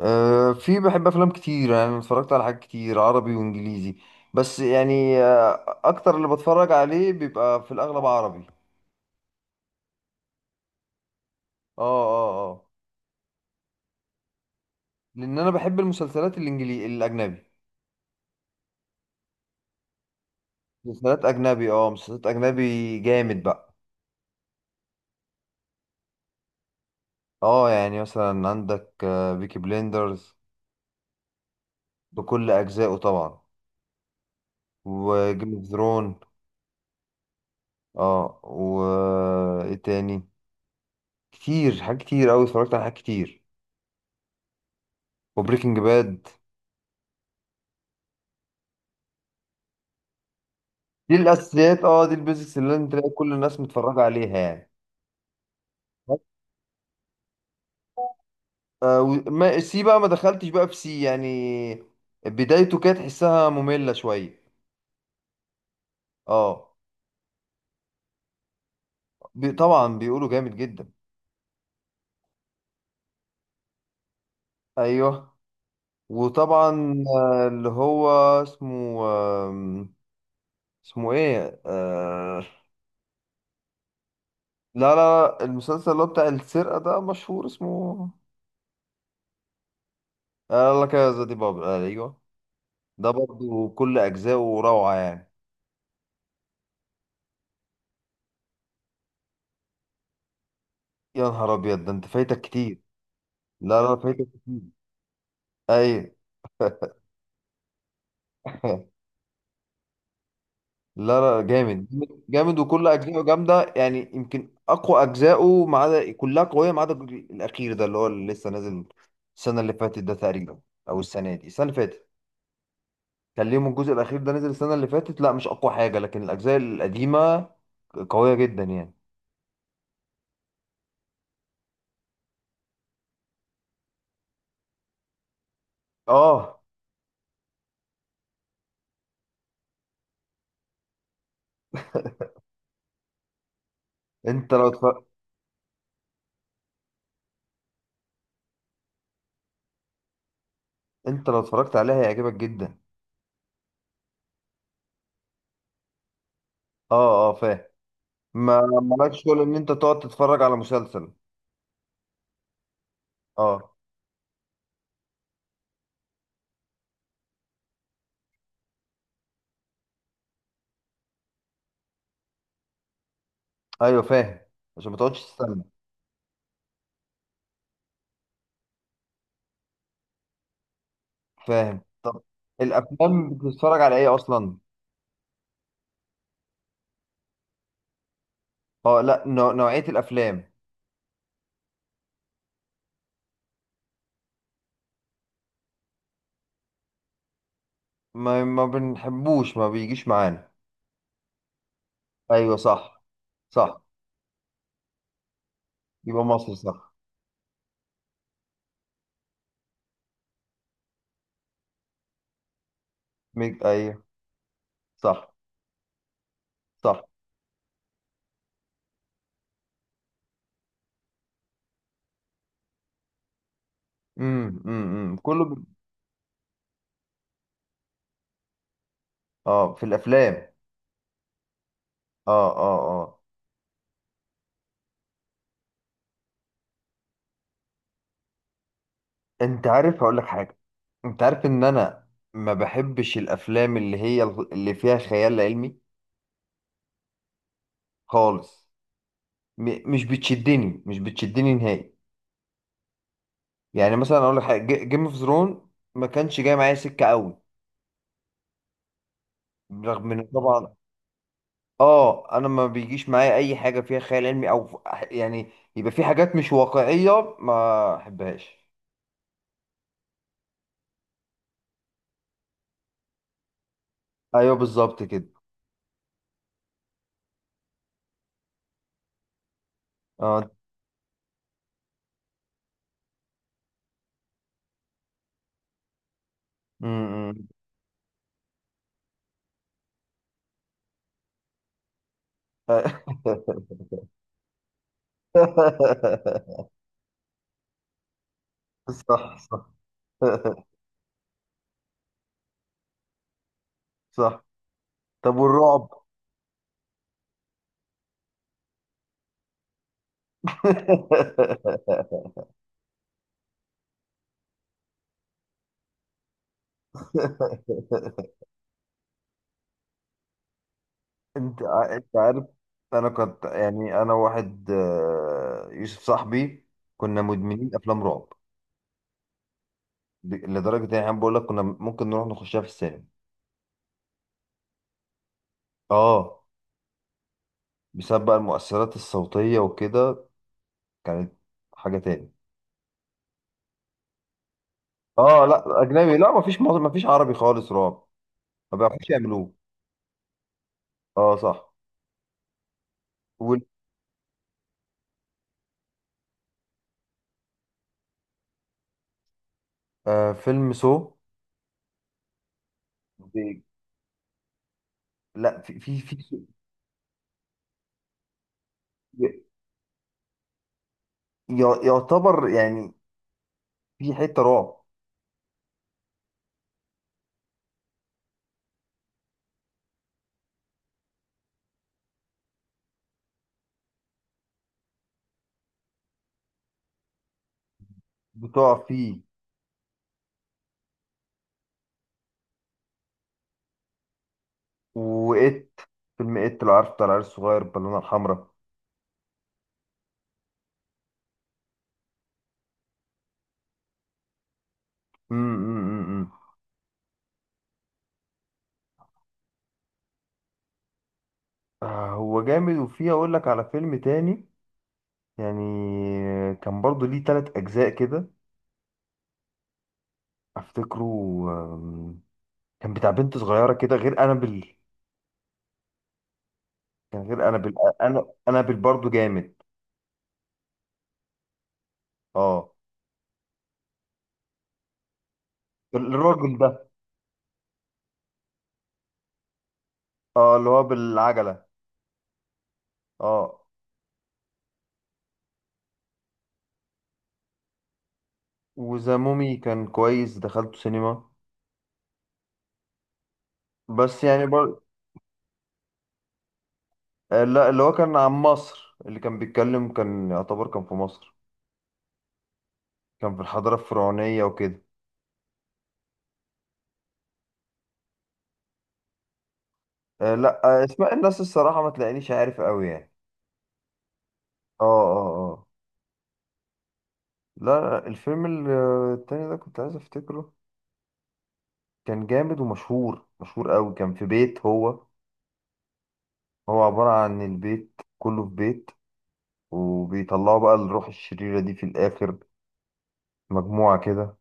أه، في بحب افلام كتير، يعني اتفرجت على حاجات كتير عربي وانجليزي. بس يعني اكتر اللي بتفرج عليه بيبقى في الاغلب عربي. اه اه اه. لان انا بحب المسلسلات الانجليزي الاجنبي. مسلسلات اجنبي، اه مسلسلات اجنبي جامد بقى. اه يعني مثلا عندك بيكي بليندرز، بكل اجزائه طبعا، وجيم اوف ثرون. اه و ايه تاني؟ كتير، حاجات كتير اوي، اتفرجت على حاجات كتير. وبريكنج باد. دي الاساسيات. اه دي البيزكس اللي انت تلاقي كل الناس متفرجه عليها يعني. وما سي بقى، ما دخلتش بقى في سي يعني. بدايته كانت تحسها ممله شويه. اه، بي طبعا بيقولوا جامد جدا. ايوه. وطبعا اللي هو اسمه، اسمه ايه، لا لا، المسلسل اللي هو بتاع السرقه ده مشهور، اسمه لا كذا. دي بابل، آه ايوه، ده برضو كل اجزائه روعه يعني. يا نهار ابيض، ده انت فايتك كتير. لا لا، فايتك كتير. ايوه. لا لا، جامد جامد جامد، وكل اجزائه جامده يعني. يمكن اقوى اجزائه، ما عدا كلها قويه ما عدا الجزء الاخير ده اللي هو اللي لسه نازل السنه اللي فاتت ده تقريبا، او السنه دي، السنه اللي فاتت. كان ليهم الجزء الاخير ده نزل السنه اللي فاتت، لا مش اقوى حاجه، لكن الاجزاء القديمه قويه جدا يعني. اه. انت لو اتفرج... انت لو اتفرجت عليها هيعجبك جدا. اه اه، فاهم. ما مالكش شغل ان انت تقعد تتفرج على مسلسل. اه ايوه فاهم، عشان ما تقعدش تستنى. فاهم. طب الافلام بتتفرج على ايه اصلا؟ اه لا، نوعية الافلام. ما بنحبوش، ما بيجيش معانا. ايوه، صح صح، يبقى مصر صح. ميج، ايوه، صح. صح. إمم. اه في الافلام. اه اه اه. انت عارف هقول لك حاجة، انت عارف ان انا ما بحبش الافلام اللي هي اللي فيها خيال علمي خالص. مش بتشدني، مش بتشدني نهائي. يعني مثلا اقول لك حاجه، جيم اوف ثرون ما كانش جاي معايا سكه قوي، رغم ان طبعا، اه انا ما بيجيش معايا اي حاجه فيها خيال علمي يعني يبقى في حاجات مش واقعيه، ما احبهاش. ايوه بالظبط كده. اه، امم. صح صح. صح. طب والرعب؟ انت عارف، انا كنت يعني انا واحد، يوسف صاحبي، كنا مدمنين افلام رعب. لدرجه ان احنا بقول لك كنا ممكن نروح نخشها في السينما. اه، بسبب بقى المؤثرات الصوتيه وكده، كانت حاجه تاني. اه لا اجنبي، لا مفيش عربي خالص رعب، ما بيعرفوش يعملوه. اه صح. وال- فيلم سو. ب- لا في ي- يعتبر يعني، في حته رعب بتقع فيه. وإت، فيلم إت لو عارف، بتاع العيال الصغير بالونة الحمراء. أمم، أمم، أمم، أمم. آه، هو جامد. وفيه أقول لك على فيلم تاني يعني، كان برضو ليه تلات أجزاء كده، أفتكره. آم، كان بتاع بنت صغيرة كده، غير أنابل. كان غير أنابل، أنا أنابل برضو جامد. أه الراجل ده. أه اللي هو بالعجلة. أه. وذا مومي كان كويس، دخلته سينما. بس يعني بر... آه، لا اللي هو كان عن مصر، اللي كان بيتكلم كان يعتبر كان في مصر، كان في الحضارة الفرعونية وكده. لا، اسماء الناس، الصراحة ما تلاقينيش عارف قوي يعني. اه اه اه. لا لا، التاني ده كنت عايز افتكره، كان جامد ومشهور، مشهور قوي، كان في بيت، هو هو عبارة عن البيت كله في بيت، وبيطلعوا بقى الروح الشريرة دي في الآخر، مجموعة كده.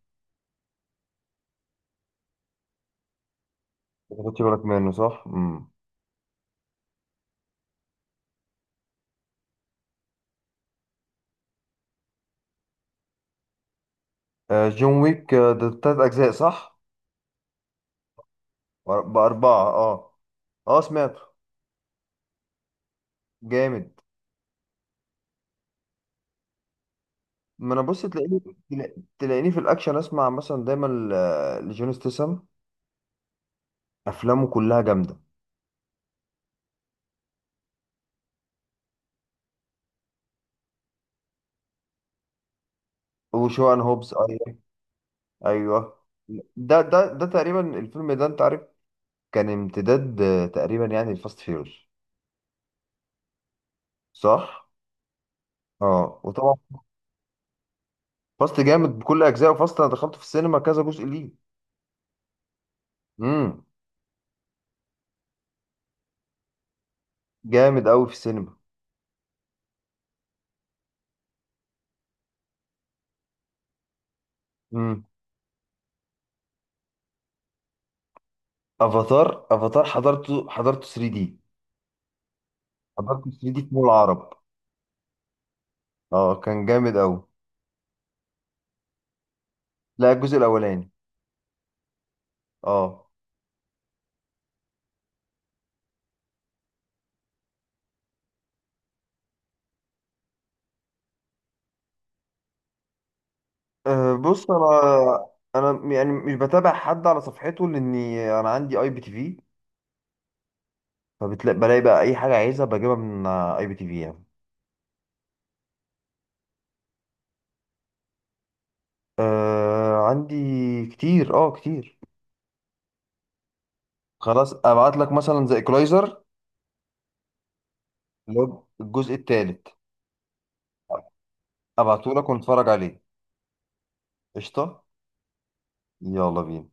ما خدتش بالك منه صح؟ مم. آه جون ويك، ده تلات أجزاء صح؟ بأربعة، اه. اه سمعته. جامد. ما انا بص تلاقيني في الاكشن، اسمع مثلا دايما لجون ستيسم، افلامه كلها جامده. وشوان هوبز، ايوه. ايوه. ده تقريبا الفيلم ده، انت عارف كان امتداد تقريبا يعني الفاست فيروس. صح. اه وطبعا، فاست جامد بكل اجزائه. فاست انا دخلت في السينما كذا جزء ليه. امم. جامد قوي في السينما. امم. افاتار، افاتار حضرته، حضرته 3 دي. حضرته 3 دي في مول العرب. اه كان جامد قوي. لا الجزء الاولاني. اه. بص انا، انا يعني مش بتابع حد على صفحته، لاني انا عندي اي بي تي في، فبتلاقي بقى اي حاجه عايزها بجيبها من اي بي تي في يعني. أه عندي كتير، اه كتير. خلاص ابعت لك مثلا زي ايكولايزر، اللي هو الجزء الثالث. ابعته لك ونتفرج عليه. قشطه. يلا بينا.